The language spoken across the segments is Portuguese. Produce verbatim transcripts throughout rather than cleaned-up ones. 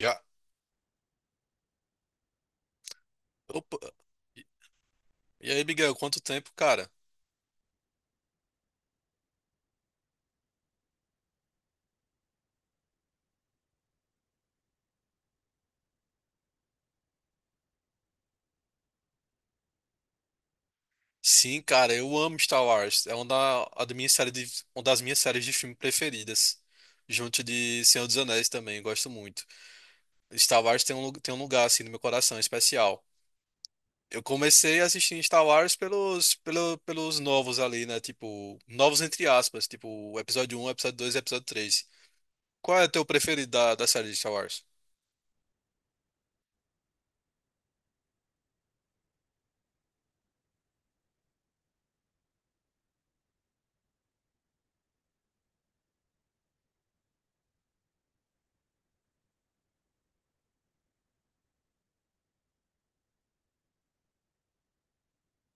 Já. Opa. E e aí, Miguel, quanto tempo, cara? Sim, cara, eu amo Star Wars. É uma da, a da minha série de, uma das minhas séries de filme preferidas. Junto de Senhor dos Anéis também, gosto muito. Star Wars tem um, lu- tem um lugar assim no meu coração especial. Eu comecei a assistir Star Wars pelos, pelo, pelos novos ali, né? Tipo, novos entre aspas, tipo, o episódio um, episódio dois, e episódio três. Qual é o teu preferido da, da série de Star Wars?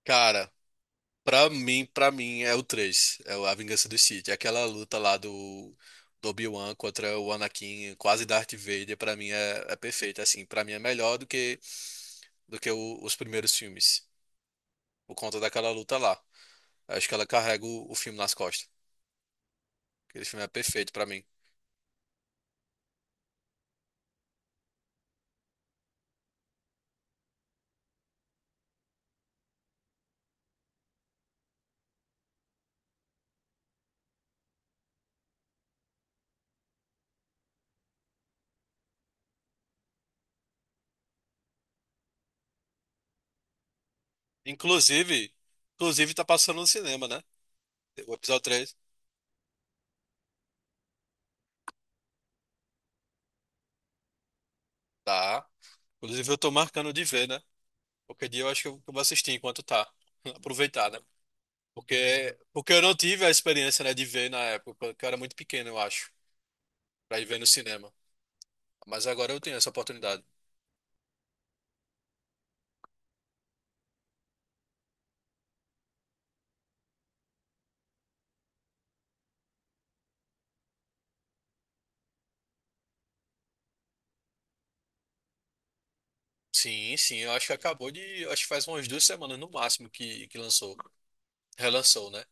Cara. Pra mim, pra mim é o três é o A Vingança do Sith. É aquela luta lá do, do Obi-Wan contra o Anakin, quase Darth Vader, pra mim é, é perfeita, assim, pra mim é melhor do que do que o- os primeiros filmes, por conta daquela luta lá. Acho que ela carrega o, o filme nas costas. Aquele filme é perfeito pra mim. Inclusive, inclusive tá passando no cinema, né? O episódio três. Tá. Inclusive eu tô marcando de ver, né? Qualquer dia eu acho que eu, que eu vou assistir enquanto tá. Aproveitar, né? Porque, porque eu não tive a experiência, né, de ver na época, porque eu era muito pequeno, eu acho, pra ir ver no cinema. Mas agora eu tenho essa oportunidade. Sim, sim, eu acho que acabou de. Acho que faz umas duas semanas no máximo que, que lançou. Relançou, né?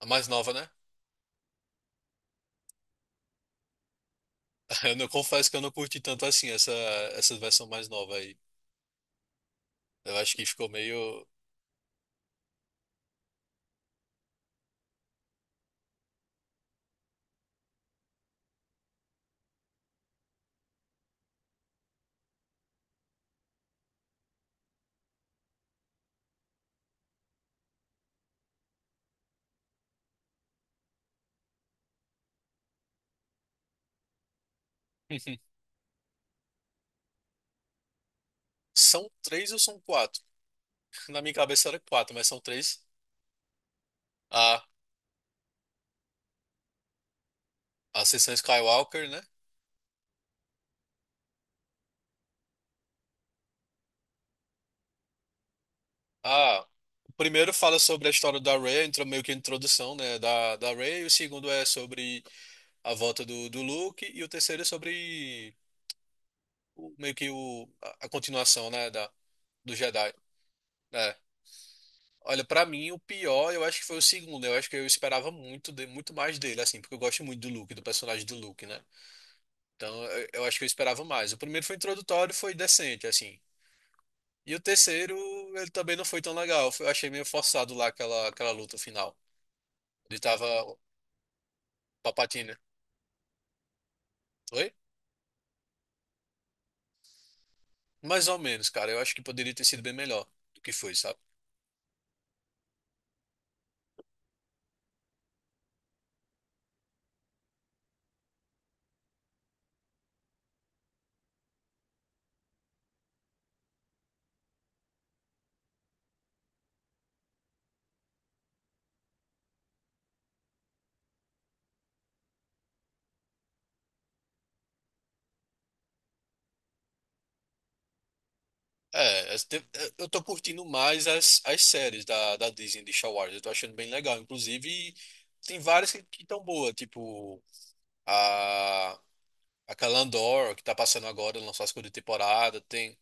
A mais nova, né? Eu não Confesso que eu não curti tanto assim essa, essa versão mais nova aí. Eu acho que ficou meio. São três ou são quatro? Na minha cabeça era quatro, mas são três. A Ascensão Skywalker, né? Ah, o primeiro fala sobre a história da Rey, entra meio que a introdução, né, da, da Rey. O segundo é sobre a volta do, do Luke. E o terceiro é sobre o- meio que o, a, a continuação, né, da, do Jedi. É. Olha, pra mim, o pior, eu acho que foi o segundo. Eu acho que eu esperava muito, de, muito mais dele, assim, porque eu gosto muito do Luke, do personagem do Luke, né? Então, eu, eu acho que eu esperava mais. O primeiro foi introdutório, foi decente, assim. E o terceiro, ele também não foi tão legal. Eu achei meio forçado lá aquela, aquela luta final. Ele tava. Papatina. Oi? Mais ou menos, cara. Eu acho que poderia ter sido bem melhor do que foi, sabe? É, as te- é, eu tô curtindo mais as, as séries da, da Disney de Star Wars. Eu tô achando bem legal. Inclusive, e tem várias que estão boas, tipo a, a Calandor que tá passando agora, lançou a segunda temporada. Tem,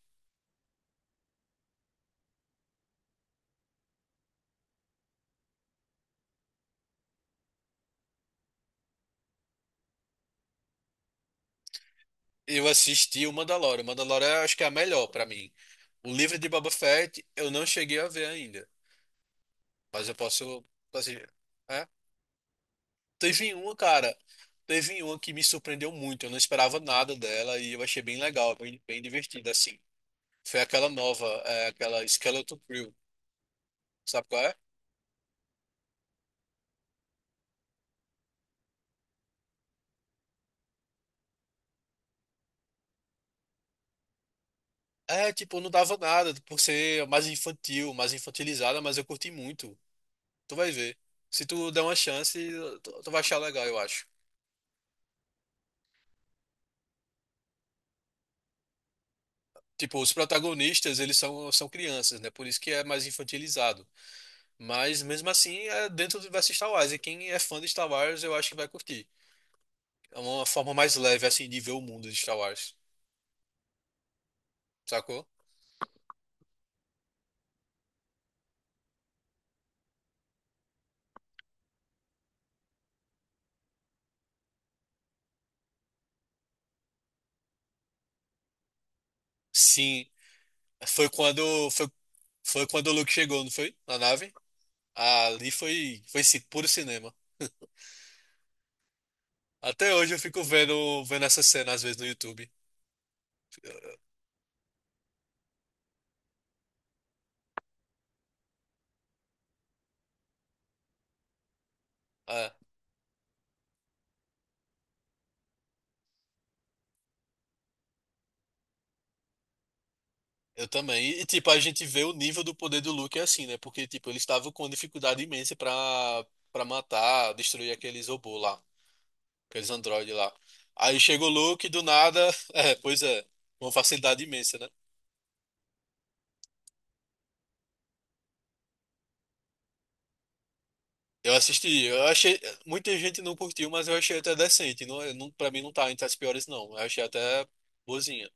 eu assisti o Mandalorian. O Mandalorian eu acho que é a melhor pra mim. O livro de Boba Fett eu não cheguei a ver ainda, mas eu posso. Assim, teve uma, cara. Teve uma que me surpreendeu muito. Eu não esperava nada dela e eu achei bem legal, bem, bem divertida, assim. Foi aquela nova, é, aquela Skeleton Crew. Sabe qual é? É, tipo, não dava nada por ser mais infantil, mais infantilizada, mas eu curti muito. Tu vai ver. Se tu der uma chance, tu, tu vai achar legal, eu acho. Tipo, os protagonistas, eles são, são crianças, né? Por isso que é mais infantilizado. Mas mesmo assim, é dentro do universo Star Wars. E quem é fã de Star Wars, eu acho que vai curtir. É uma forma mais leve, assim, de ver o mundo de Star Wars, sacou? Sim, foi quando, foi, foi quando o Luke chegou, não foi? Na nave. Ali foi, foi ci- puro cinema. Até hoje eu fico vendo, vendo essa cena, às vezes, no YouTube. Ah, eu também. E, e, tipo, a gente vê o nível do poder do Luke é assim, né? Porque, tipo, ele estava com dificuldade imensa pra, pra matar, destruir aqueles robôs lá, aqueles androides lá. Aí chega o Luke, do nada, é, pois é, uma facilidade imensa, né? Eu assisti, eu achei, muita gente não curtiu, mas eu achei até decente. Não, é- não, para mim não tá entre as piores, não. Eu achei até boazinha.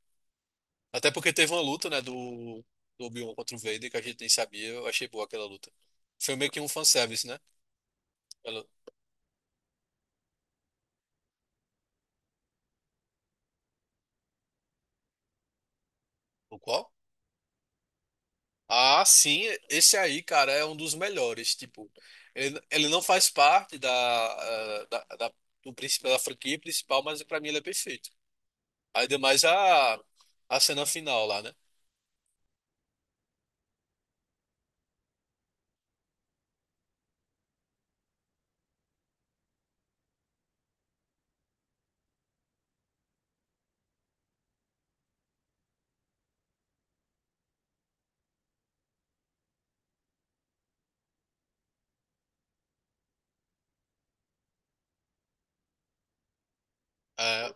Até porque teve uma luta, né, do, do Obi-Wan contra o Vader, que a gente nem sabia. Eu achei boa aquela luta. Foi meio que um fanservice, né? Ela- o qual? Ah, sim, esse aí, cara, é um dos melhores. Tipo, ele, ele não faz parte da, ah, da, da, do principal da franquia principal, mas pra mim ele é perfeito. Ainda mais a, a cena final lá, né? É,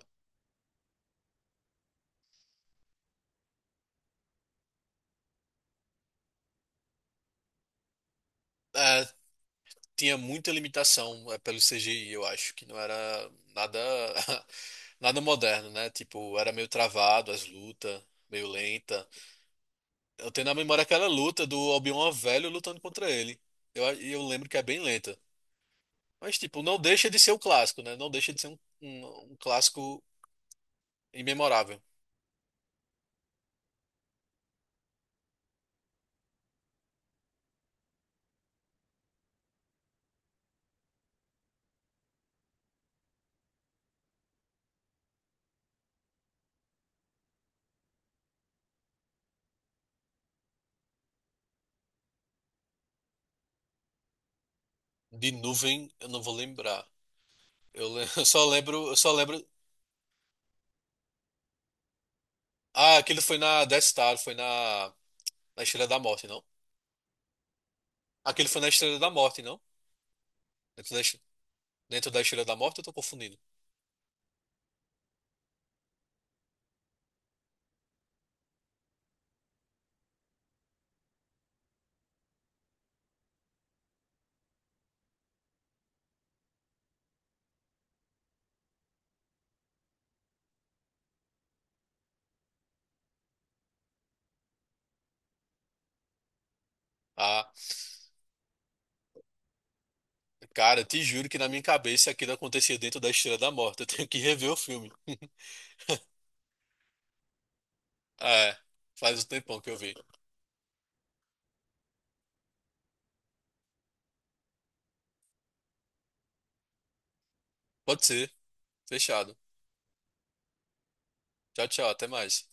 é, tinha muita limitação é, pelo C G I, eu acho, que não era nada nada moderno, né? Tipo, era meio travado as lutas, meio lenta. Eu tenho na memória aquela luta do Obi-Wan velho lutando contra ele. Eu, a- e eu lembro que é bem lenta. Mas, tipo, não deixa de ser o clássico, né? Não deixa de ser um, um, um clássico imemorável. De nuvem, eu não vou lembrar. Eu, le- eu só lembro, eu só lembro. Ah, aquele foi na Death Star, foi na, na Estrela da Morte, não? Aquele foi na Estrela da Morte, não? Dentro da Estrela da Morte, eu tô confundindo. Ah, cara, te juro que na minha cabeça aquilo acontecia dentro da Estrela da Morte. Eu tenho que rever o filme. É, faz um tempão que eu vi. Pode ser. Fechado. Tchau, tchau. Até mais.